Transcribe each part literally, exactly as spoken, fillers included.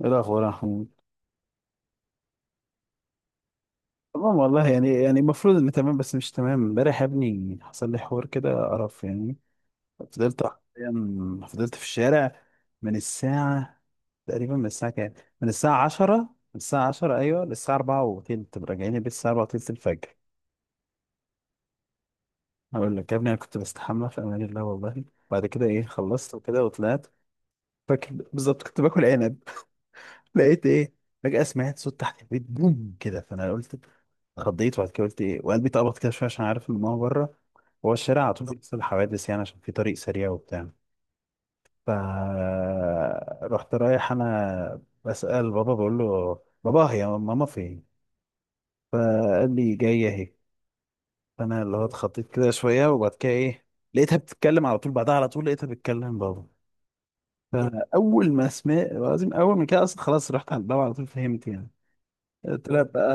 ايه الاخبار يا محمود؟ تمام والله. يعني يعني المفروض اني تمام، بس مش تمام. امبارح يا ابني حصل لي حوار كده قرف يعني. فضلت حرفيا، فضلت في الشارع من الساعة، تقريبا من الساعة كام، من الساعة العاشرة، من الساعة العاشرة، ايوه، للساعة اربعة وتلت. راجعين البيت الساعة اربعة وتلت الفجر. هقول لك يا ابني، انا كنت بستحمى في امان الله والله. بعد كده ايه، خلصت وكده وطلعت. فاكر بالظبط كنت باكل عنب. لقيت ايه، فجأة سمعت صوت تحت البيت، بوم كده. فانا قلت، اتخضيت، وبعد كده قلت ايه، وقلبي اتقبض كده شويه عشان عارف ان ماما بره. هو الشارع على طول بيحصل حوادث يعني، عشان في طريق سريع وبتاع. ف رحت رايح انا بسأل بابا، بقول له بابا هي ماما فين؟ فقال لي جايه اهي. فانا اللي هو اتخضيت كده شويه، وبعد كده ايه، لقيتها بتتكلم. على طول بعدها على طول لقيتها بتتكلم بابا. فاول ما سمعت، لازم اول ما كده اصلا خلاص رحت عند بابا على طول، فهمت يعني. طلع بقى،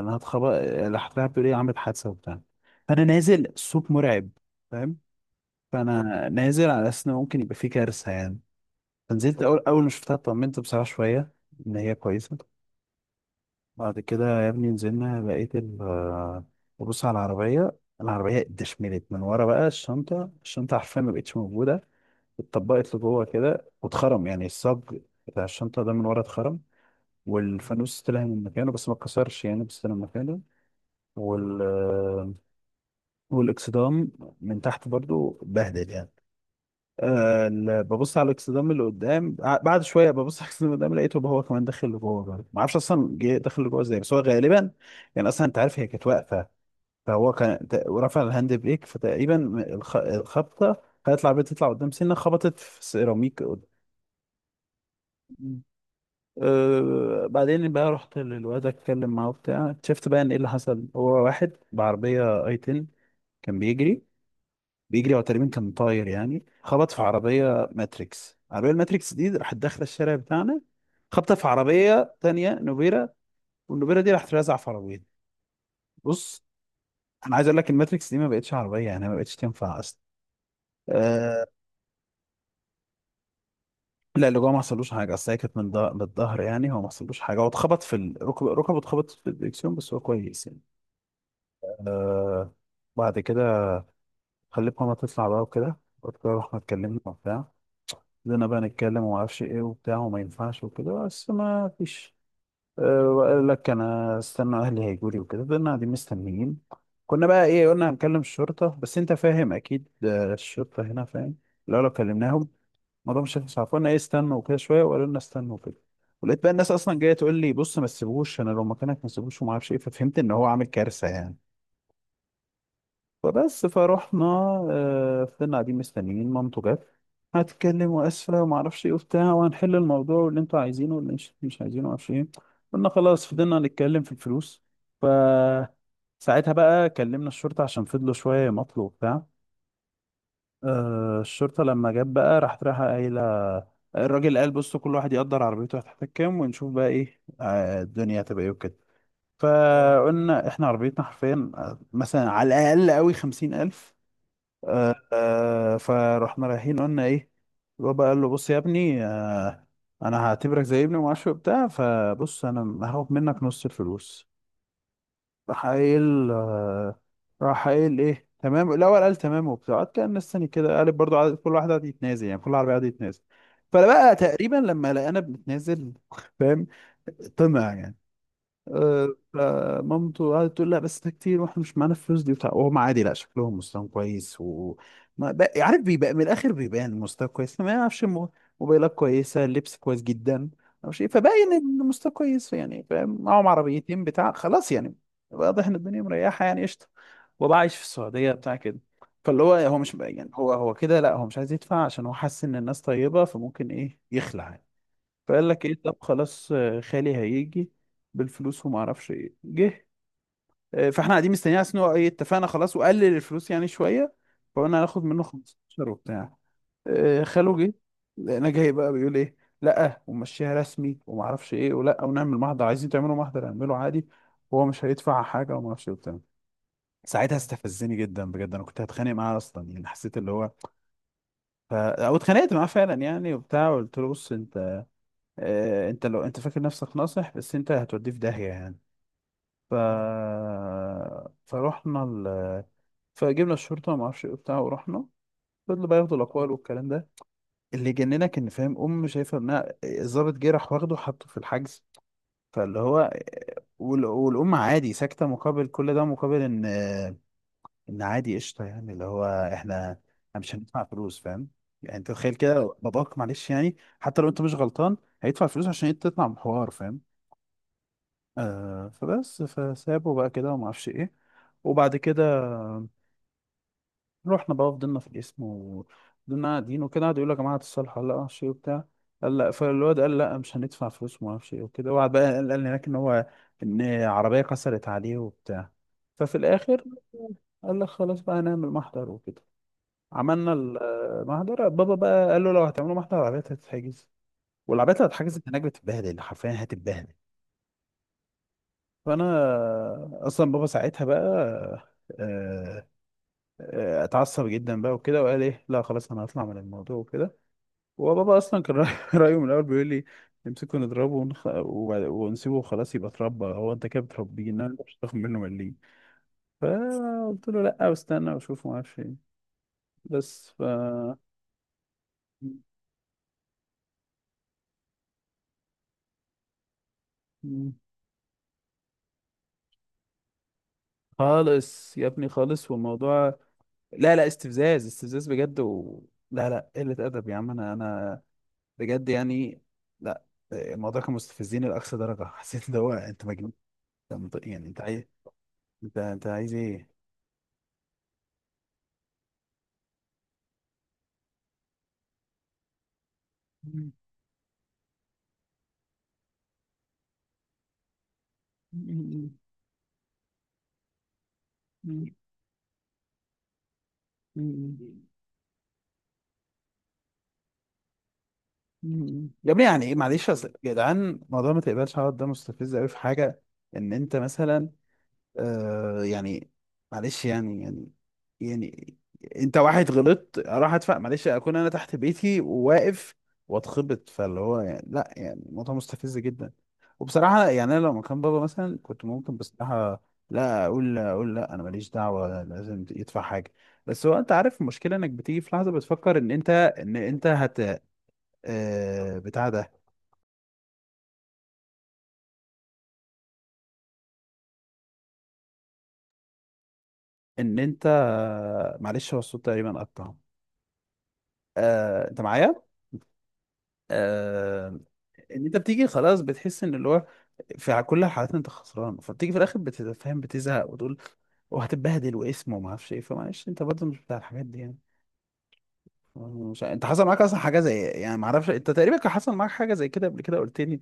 انا هتخبط، راح طلع بيقول ايه عملت حادثه وبتاع. فانا نازل، الصوت مرعب، فاهم. فانا نازل على اساس ان ممكن يبقى في كارثه يعني. فنزلت، اول اول ما شفتها اطمنت بصراحه شويه ان هي كويسه. بعد كده يا ابني نزلنا، لقيت ال ببص على العربيه، العربيه اتدشملت من ورا. بقى الشنطه، الشنطه حرفيا ما بقتش موجوده، اتطبقت لجوه كده، واتخرم يعني الصاج بتاع الشنطه ده من ورا، اتخرم. والفانوس طلع من مكانه، بس ما اتكسرش يعني، بس طلع من مكانه. وال والاكسدام من تحت برضو بهدل يعني. آه، ال- ببص على الاكسدام اللي قدام، ع- بعد شويه ببص على الاكسدام اللي قدام، لقيته هو كمان داخل لجوه برضه. ما اعرفش اصلا جه داخل لجوه ازاي، بس هو غالبا يعني، اصلا انت عارف هي كانت واقفه. فهو كان ت- رفع الهاند بريك، فتقريبا الخ... الخبطه خلت العربيه تطلع قدام سنه، خبطت في سيراميك قد- أه. بعدين بقى رحت للواد اتكلم معاه وبتاع، شفت بقى ان ايه اللي حصل. هو واحد بعربيه اي 10 كان بيجري، بيجري. هو تقريبا كان طاير يعني، خبط في عربية ماتريكس. عربية الماتريكس دي راحت داخلة الشارع بتاعنا، خبطة في عربية تانية نوبيرا. والنوبيرا دي راحت رازعة في عربية. بص، أنا عايز أقول لك الماتريكس دي ما بقتش عربية يعني، ما بقتش تنفع أصلا. أه، لا اللي جوه ما حصلوش حاجة، أصل هي كانت من ض- من الظهر يعني، هو ما حصلوش حاجة. هو اتخبط في ال- ركب ركبه اتخبط في الدركسيون، بس هو كويس يعني. أه. بعد كده خليت ماما تطلع بقى وكده، قلت لها رحنا اتكلمنا وبتاع، بدنا بقى نتكلم وما اعرفش ايه وبتاع، وما ينفعش وكده، بس ما فيش. أه، وقال لك انا استنى اهلي هيجوا لي وكده. فضلنا قاعدين مستنيين. كنا بقى ايه، قلنا هنكلم الشرطه. بس انت فاهم اكيد آه، الشرطه هنا فاهم، لو لو كلمناهم الموضوع مش هيخلص. عارفين ايه، استنوا وكده شويه، وقالوا لنا استنوا وكده. ولقيت بقى الناس اصلا جايه تقول لي بص ما تسيبوش، انا لو مكانك ما تسيبوش، وما اعرفش ايه. ففهمت ان هو عامل كارثه يعني. فبس فروحنا آه، فضلنا قاعدين مستنيين. مامته جت هتتكلم واسفه وما اعرفش ايه وبتاع، وهنحل الموضوع واللي انتوا عايزينه واللي مش مش عايزينه، ما اعرفش ايه. قلنا خلاص، فضلنا نتكلم في الفلوس. ف ساعتها بقى كلمنا الشرطه عشان فضلوا شويه يمطلوا وبتاع. آه، الشرطه لما جت بقى راحت رايحه قايله، الراجل قال بصوا كل واحد يقدر عربيته هتحتاج كام، ونشوف بقى ايه آه، الدنيا هتبقى ايه وكده. فقلنا احنا عربيتنا حرفيا آه، مثلا على الاقل قوي خمسين الف. آه آه، فرحنا رايحين قلنا ايه، البابا قال له بص يا ابني آه، انا هعتبرك زي ابني ومعرفش إيه وبتاع، فبص انا هاخد منك نص الفلوس. راح قايل آه، راح قايل ايه تمام. الاول قال تمام وبتاع، قعد كان مستني كده، قال برضه عدد. كل واحد قعد يتنازل يعني، كل عربيه قعد يتنازل. فبقى تقريبا لما لقانا بنتنازل فاهم، طمع يعني. آه، فمامته قعدت تقول لا بس ده كتير واحنا مش معانا الفلوس دي وبتاع. وهم عادي، لا شكلهم مستواهم كويس و ما بق- عارف، بيبقى من الاخر بيبان المستوى كويس، ما يعرفش مو- موبايلات كويسه، اللبس كويس جدا او شيء، فباين ان المستوى كويس يعني، فاهم، معاهم عربيتين بتاع خلاص يعني. واضح ان الدنيا مريحه يعني قشطه، وبقى عايش في السعوديه بتاع كده. فاللي هو، هو مش يعني، هو هو كده، لا هو مش عايز يدفع عشان هو حاسس ان الناس طيبه، فممكن ايه يخلع. فقال لك ايه، طب خلاص آه، خالي هيجي بالفلوس وما اعرفش ايه، جه. آه، فاحنا قاعدين مستنيين عشان هو ايه، اتفقنا خلاص وقلل الفلوس يعني شويه، فقلنا هناخد منه خمسة عشر وبتاع. آه، خاله جه، انا جاي بقى بيقول ايه لا، ومشيها رسمي وما اعرفش ايه، ولا ونعمل محضر، عايزين تعملوا محضر اعمله عادي، وهو مش هيدفع حاجه وما اعرفش ايه وبتاع. ساعتها استفزني جدا بجد، انا كنت هتخانق معاه اصلا يعني، حسيت اللي هو ف... او اتخانقت معاه فعلا يعني وبتاع. قلت له بص انت آه، انت لو انت فاكر نفسك ناصح، بس انت هتوديه في داهية يعني. ف... فروحنا ال... فجبنا الشرطة وما اعرفش ايه وبتاع، ورحنا. فضلوا بقى ياخدوا الاقوال والكلام ده. اللي جننك ان فاهم، ام شايفه ابنها الضابط جه راح واخده حطه في الحجز، فاللي هو وال... والام عادي ساكته، مقابل كل ده، مقابل ان، ان عادي قشطه يعني، اللي هو احنا مش هندفع فلوس فاهم. يعني انت تخيل كده، لو باباك معلش يعني، حتى لو انت مش غلطان هيدفع فلوس عشان انت تطلع من حوار، فاهم. آه، فبس فسابه بقى كده وما اعرفش ايه. وبعد كده رحنا بقى، فضلنا في القسم، وفضلنا قاعدين وكده، قعدوا يقولوا يا جماعه هتصالحوا ولا لا، معرفش ايه وبتاع. قال لا، فالواد قال لا مش هندفع فلوس وما اعرفش ايه وكده. وقعد بقى قال قال هناك ان هو ان عربيه كسرت عليه وبتاع. ففي الاخر قال لك خلاص بقى هنعمل محضر وكده. عملنا المحضر، بابا بقى قال له لو هتعملوا محضر العربيات هتتحجز، والعربيات اللي هتتحجز هناك بتتبهدل حرفيا، هتتبهدل. فانا اصلا، بابا ساعتها بقى آه، آه، اتعصب جدا بقى وكده وقال ايه لا خلاص انا هطلع من الموضوع وكده. وبابا اصلا كان رأي- رايه من الاول بيقول لي نمسكه نضربه ونخ... وبعد- ونسيبه وخلاص يبقى اتربى. هو انت كده بتربيه، إنما انت مش هتاخد منه مليم. فقلت له لا، واستنى واشوف ما اعرفش ايه. بس ف م- خالص يا ابني خالص، والموضوع لا لا، استفزاز استفزاز بجد و... لا لا، قلة أدب يا عم. أنا أنا بجد يعني، لا آه، الموضوع كان مستفزين لأقصى درجة. حسيت ان هو انت مجنون، أنت منط- يعني انت عايز، انت انت عايز ايه يا ابني يعني. ايه معلش، اصل يا جدعان موضوع ما تقبلش عرض ده مستفز قوي، في حاجة ان انت مثلا آه يعني، معلش يعني يعني يعني انت واحد غلطت اروح ادفع، معلش اكون انا تحت بيتي وواقف واتخبط، فاللي هو يعني لا يعني الموضوع مستفز جدا. وبصراحة يعني انا لو مكان بابا مثلا، كنت ممكن بصراحة لا اقول اقول لا انا ماليش دعوة، لازم يدفع حاجة. بس هو انت عارف المشكلة انك بتيجي في لحظة بتفكر ان انت ان انت هت آه بتاع ده، ان انت، معلش هو الصوت تقريبا قطع. آه، انت معايا؟ آه، ان انت بتيجي خلاص بتحس ان اللي هو في ع- كل الحالات انت خسران، فبتيجي في الاخر بتتفهم، بتزهق وتقول وهتتبهدل واسم وما اعرفش ايه. فمعلش، انت برضه مش بتاع الحاجات دي يعني. مش ع- انت حصل معاك اصلا حاجه زي إيه؟ يعني ما اعرفش، انت تقريبا كان حصل معاك حاجه زي كده قبل كده قلت لي.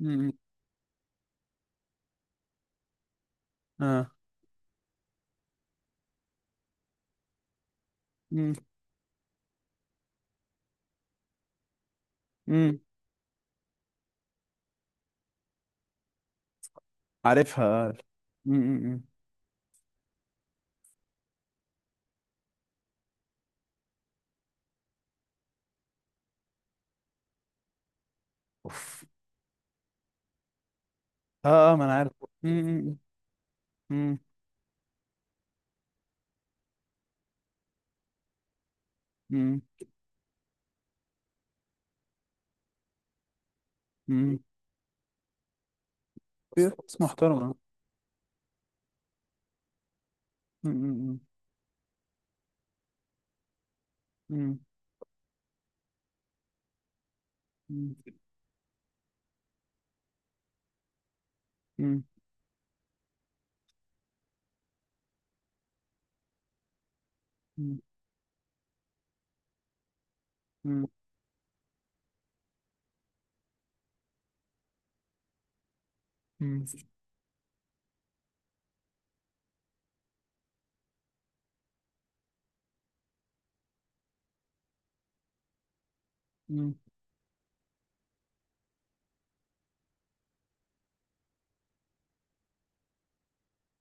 امم اه. امم امم عارفها آه. امم امم اوف. اه اه ما انا عارف. امم امم امم امم في ناس محترمه. امم امم امم امم امم امم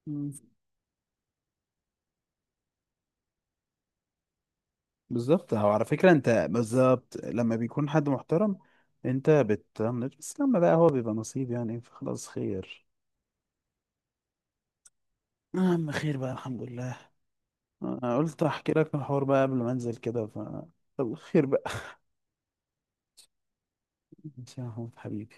امم بالظبط. هو على فكرة انت بالظبط لما بيكون حد محترم انت بتطنش، بس لما بقى هو بيبقى نصيب يعني، فخلاص خير. اهم، خير بقى الحمد لله. انا قلت احكي لك الحوار بقى قبل ما انزل كده، ف طب خير بقى. ماشي يا محمود حبيبي.